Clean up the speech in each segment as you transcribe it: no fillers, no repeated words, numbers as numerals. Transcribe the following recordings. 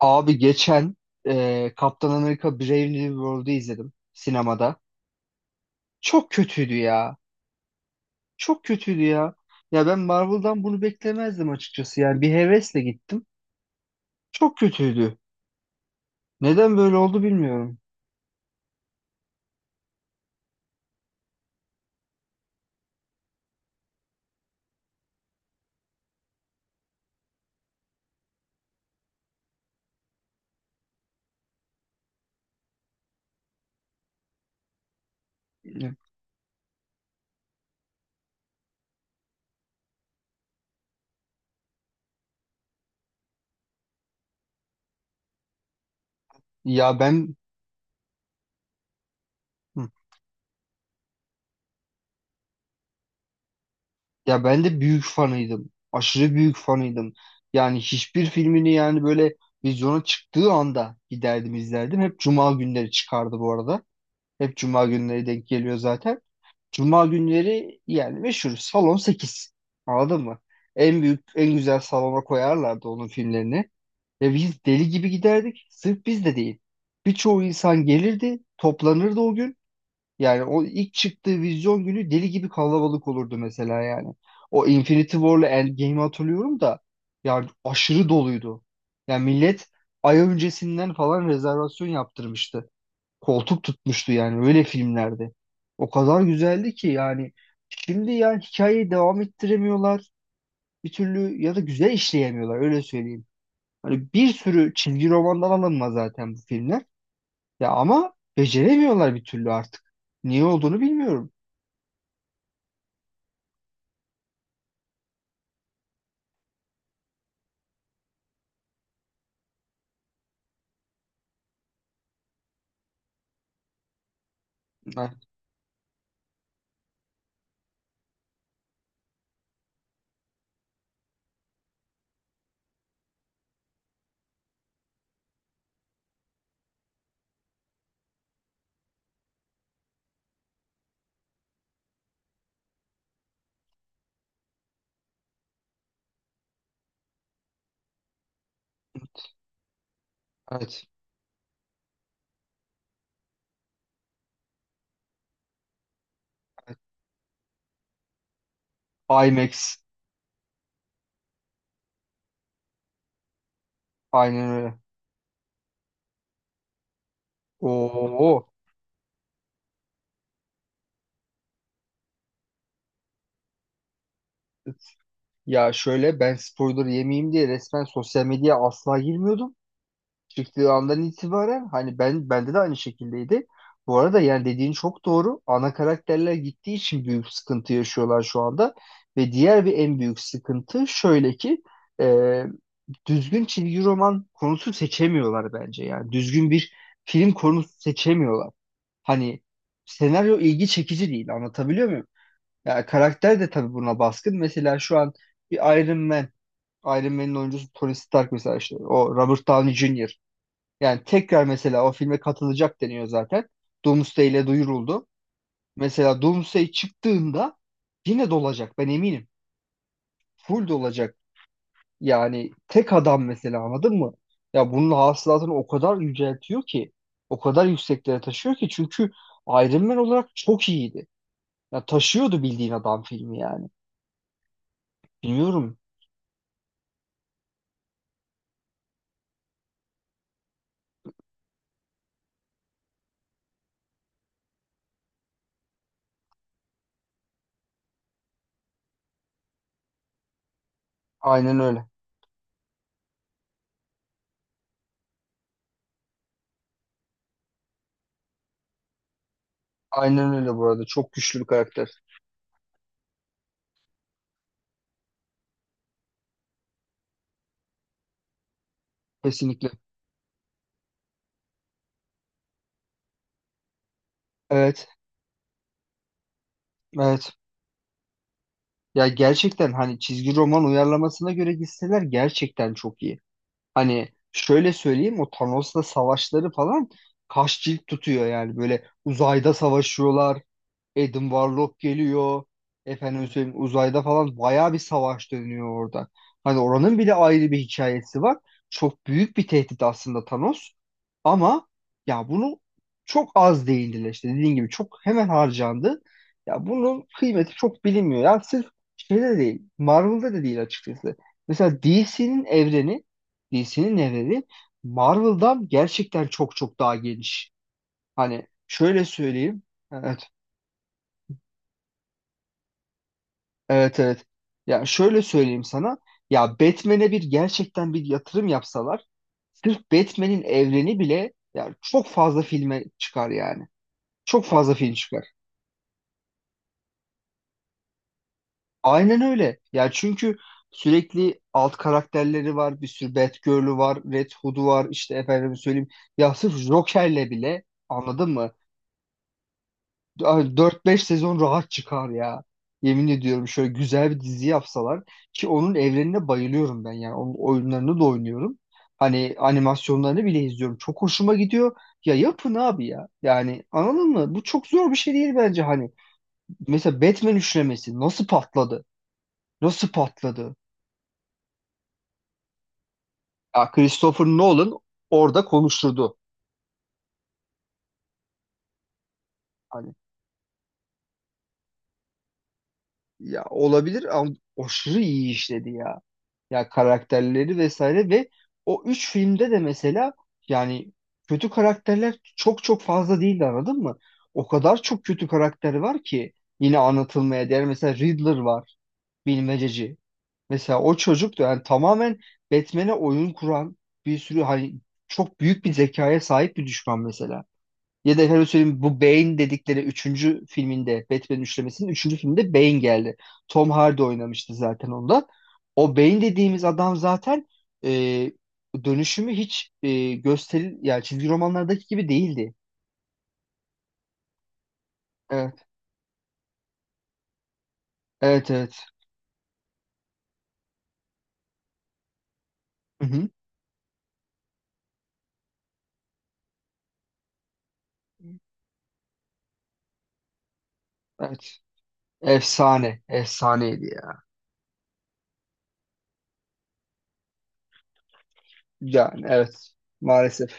Abi geçen Kaptan Amerika Brave New World'u izledim sinemada. Çok kötüydü ya. Çok kötüydü ya. Ya ben Marvel'dan bunu beklemezdim açıkçası. Yani bir hevesle gittim. Çok kötüydü. Neden böyle oldu bilmiyorum. Ya ben Hı. Ya ben de büyük fanıydım. Aşırı büyük fanıydım. Yani hiçbir filmini yani böyle vizyona çıktığı anda giderdim izlerdim. Hep cuma günleri çıkardı bu arada. Hep cuma günleri denk geliyor zaten. Cuma günleri yani meşhur salon 8. Anladın mı? En büyük, en güzel salona koyarlardı onun filmlerini. Ve biz deli gibi giderdik. Sırf biz de değil. Birçoğu insan gelirdi, toplanırdı o gün. Yani o ilk çıktığı vizyon günü deli gibi kalabalık olurdu mesela yani. O Infinity War'la Endgame'i hatırlıyorum da yani aşırı doluydu. Yani millet ay öncesinden falan rezervasyon yaptırmıştı koltuk tutmuştu yani öyle filmlerde. O kadar güzeldi ki yani şimdi yani hikayeyi devam ettiremiyorlar bir türlü ya da güzel işleyemiyorlar öyle söyleyeyim. Hani bir sürü çizgi romandan alınma zaten bu filmler. Ya ama beceremiyorlar bir türlü artık. Niye olduğunu bilmiyorum. Heh, evet. IMAX. Aynen öyle. Oo. Ya şöyle ben spoiler yemeyeyim diye resmen sosyal medyaya asla girmiyordum. Çıktığı andan itibaren hani bende de aynı şekildeydi. Bu arada yani dediğin çok doğru. Ana karakterler gittiği için büyük sıkıntı yaşıyorlar şu anda. Ve diğer bir en büyük sıkıntı şöyle ki e, düzgün çizgi roman konusu seçemiyorlar bence. Yani düzgün bir film konusu seçemiyorlar. Hani senaryo ilgi çekici değil anlatabiliyor muyum? Yani karakter de tabii buna baskın. Mesela şu an bir Iron Man, Iron Man'in oyuncusu Tony Stark mesela işte o Robert Downey Jr. Yani tekrar mesela o filme katılacak deniyor zaten. Doomsday ile duyuruldu. Mesela Doomsday çıktığında yine dolacak ben eminim. Full dolacak. Yani tek adam mesela anladın mı? Ya bunun hasılatını o kadar yüceltiyor ki. O kadar yükseklere taşıyor ki. Çünkü Iron Man olarak çok iyiydi. Ya taşıyordu bildiğin adam filmi yani. Bilmiyorum. Aynen öyle. Aynen öyle bu arada. Çok güçlü bir karakter. Kesinlikle. Evet. Evet. Ya gerçekten hani çizgi roman uyarlamasına göre gitseler gerçekten çok iyi. Hani şöyle söyleyeyim o Thanos'la savaşları falan kaç cilt tutuyor yani böyle uzayda savaşıyorlar. Adam Warlock geliyor. Efendim söyleyeyim uzayda falan bayağı bir savaş dönüyor orada. Hani oranın bile ayrı bir hikayesi var. Çok büyük bir tehdit aslında Thanos. Ama ya bunu çok az değindiler işte dediğin gibi çok hemen harcandı. Ya bunun kıymeti çok bilinmiyor. Ya sırf şeyde de değil, Marvel'da da değil açıkçası. Mesela DC'nin evreni Marvel'dan gerçekten çok çok daha geniş. Hani şöyle söyleyeyim. Evet evet. Ya şöyle söyleyeyim sana. Ya Batman'e bir gerçekten bir yatırım yapsalar sırf Batman'in evreni bile ya çok fazla filme çıkar yani. Çok fazla film çıkar. Aynen öyle. Ya çünkü sürekli alt karakterleri var. Bir sürü Batgirl'ü var. Red Hood'u var. İşte efendim söyleyeyim. Ya sırf Joker'le bile anladın mı? Dört beş sezon rahat çıkar ya. Yemin ediyorum şöyle güzel bir dizi yapsalar ki onun evrenine bayılıyorum ben yani onun oyunlarını da oynuyorum. Hani animasyonlarını bile izliyorum. Çok hoşuma gidiyor. Ya yapın abi ya. Yani anladın mı? Bu çok zor bir şey değil bence hani. Mesela Batman üçlemesi nasıl patladı? Nasıl patladı? Ya Christopher Nolan orada konuşturdu. Hani ya olabilir ama aşırı iyi işledi ya. Ya karakterleri vesaire ve o üç filmde de mesela yani kötü karakterler çok çok fazla değildi anladın mı? O kadar çok kötü karakter var ki yine anlatılmaya değer. Mesela Riddler var, bilmececi. Mesela o çocuk da yani tamamen Batman'e oyun kuran bir sürü hani çok büyük bir zekaya sahip bir düşman mesela. Ya da efendim söyleyeyim bu Bane dedikleri üçüncü filminde Batman üçlemesinin üçüncü filminde Bane geldi. Tom Hardy oynamıştı zaten onda. O Bane dediğimiz adam zaten e, dönüşümü hiç e, gösteril yani çizgi romanlardaki gibi değildi. Evet, evet, evet. Hı hı, evet. Efsane, efsaneydi ya. Yani evet, maalesef.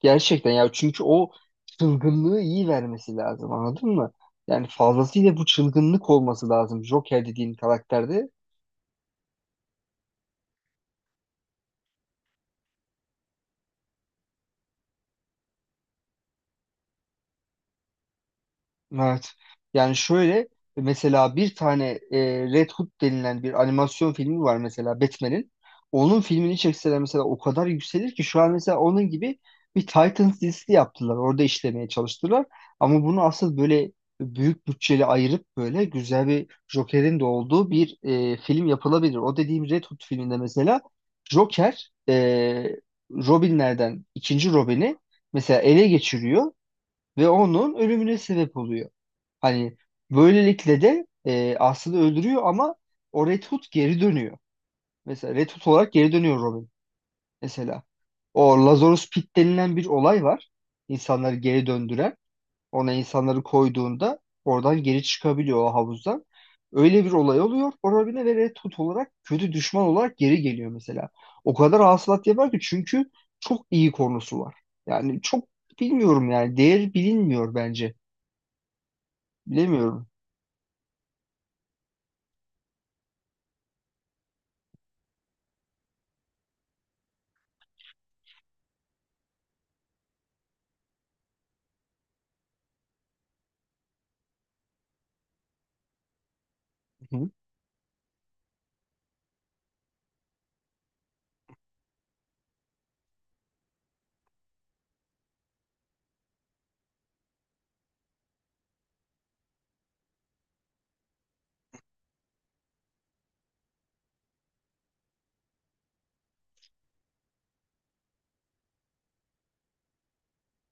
Gerçekten ya çünkü o çılgınlığı iyi vermesi lazım anladın mı? Yani fazlasıyla bu çılgınlık olması lazım Joker dediğin karakterde. Evet. Yani şöyle mesela bir tane Red Hood denilen bir animasyon filmi var mesela Batman'in. Onun filmini çekseler mesela o kadar yükselir ki şu an mesela onun gibi bir Titans dizisi yaptılar. Orada işlemeye çalıştılar. Ama bunu asıl böyle büyük bütçeli ayırıp böyle güzel bir Joker'in de olduğu bir film yapılabilir. O dediğim Red Hood filminde mesela Joker Robinlerden ikinci Robin'i mesela ele geçiriyor ve onun ölümüne sebep oluyor. Hani böylelikle de Aslı'yı öldürüyor ama o Red Hood geri dönüyor. Mesela Red Hood olarak geri dönüyor Robin mesela. O Lazarus Pit denilen bir olay var. İnsanları geri döndüren. Ona insanları koyduğunda oradan geri çıkabiliyor o havuzdan. Öyle bir olay oluyor. O Robin'e ve Red Hood olarak kötü düşman olarak geri geliyor mesela. O kadar hasılat yapar ki çünkü çok iyi konusu var. Yani çok bilmiyorum yani. Değeri bilinmiyor bence. Bilemiyorum. Hı hı.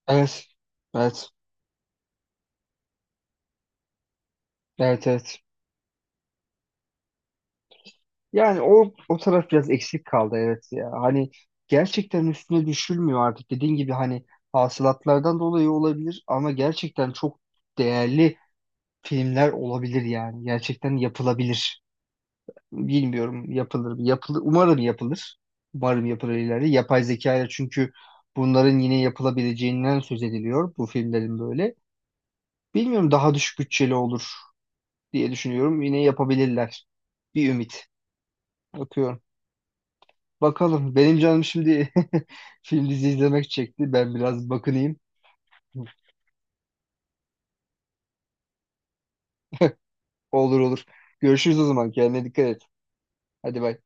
Evet. Evet. Evet evet. Yani o taraf biraz eksik kaldı evet ya. Hani gerçekten üstüne düşülmüyor artık. Dediğin gibi hani hasılatlardan dolayı olabilir ama gerçekten çok değerli filmler olabilir yani. Gerçekten yapılabilir. Bilmiyorum yapılır mı? Yapılır. Umarım yapılır. Umarım yapılır ileride. Yapay zeka ile çünkü bunların yine yapılabileceğinden söz ediliyor bu filmlerin böyle. Bilmiyorum daha düşük bütçeli olur diye düşünüyorum. Yine yapabilirler. Bir ümit. Bakıyorum. Bakalım. Benim canım şimdi film dizi izlemek çekti. Ben biraz bakınayım. Olur olur. Görüşürüz o zaman. Kendine dikkat et. Hadi bay.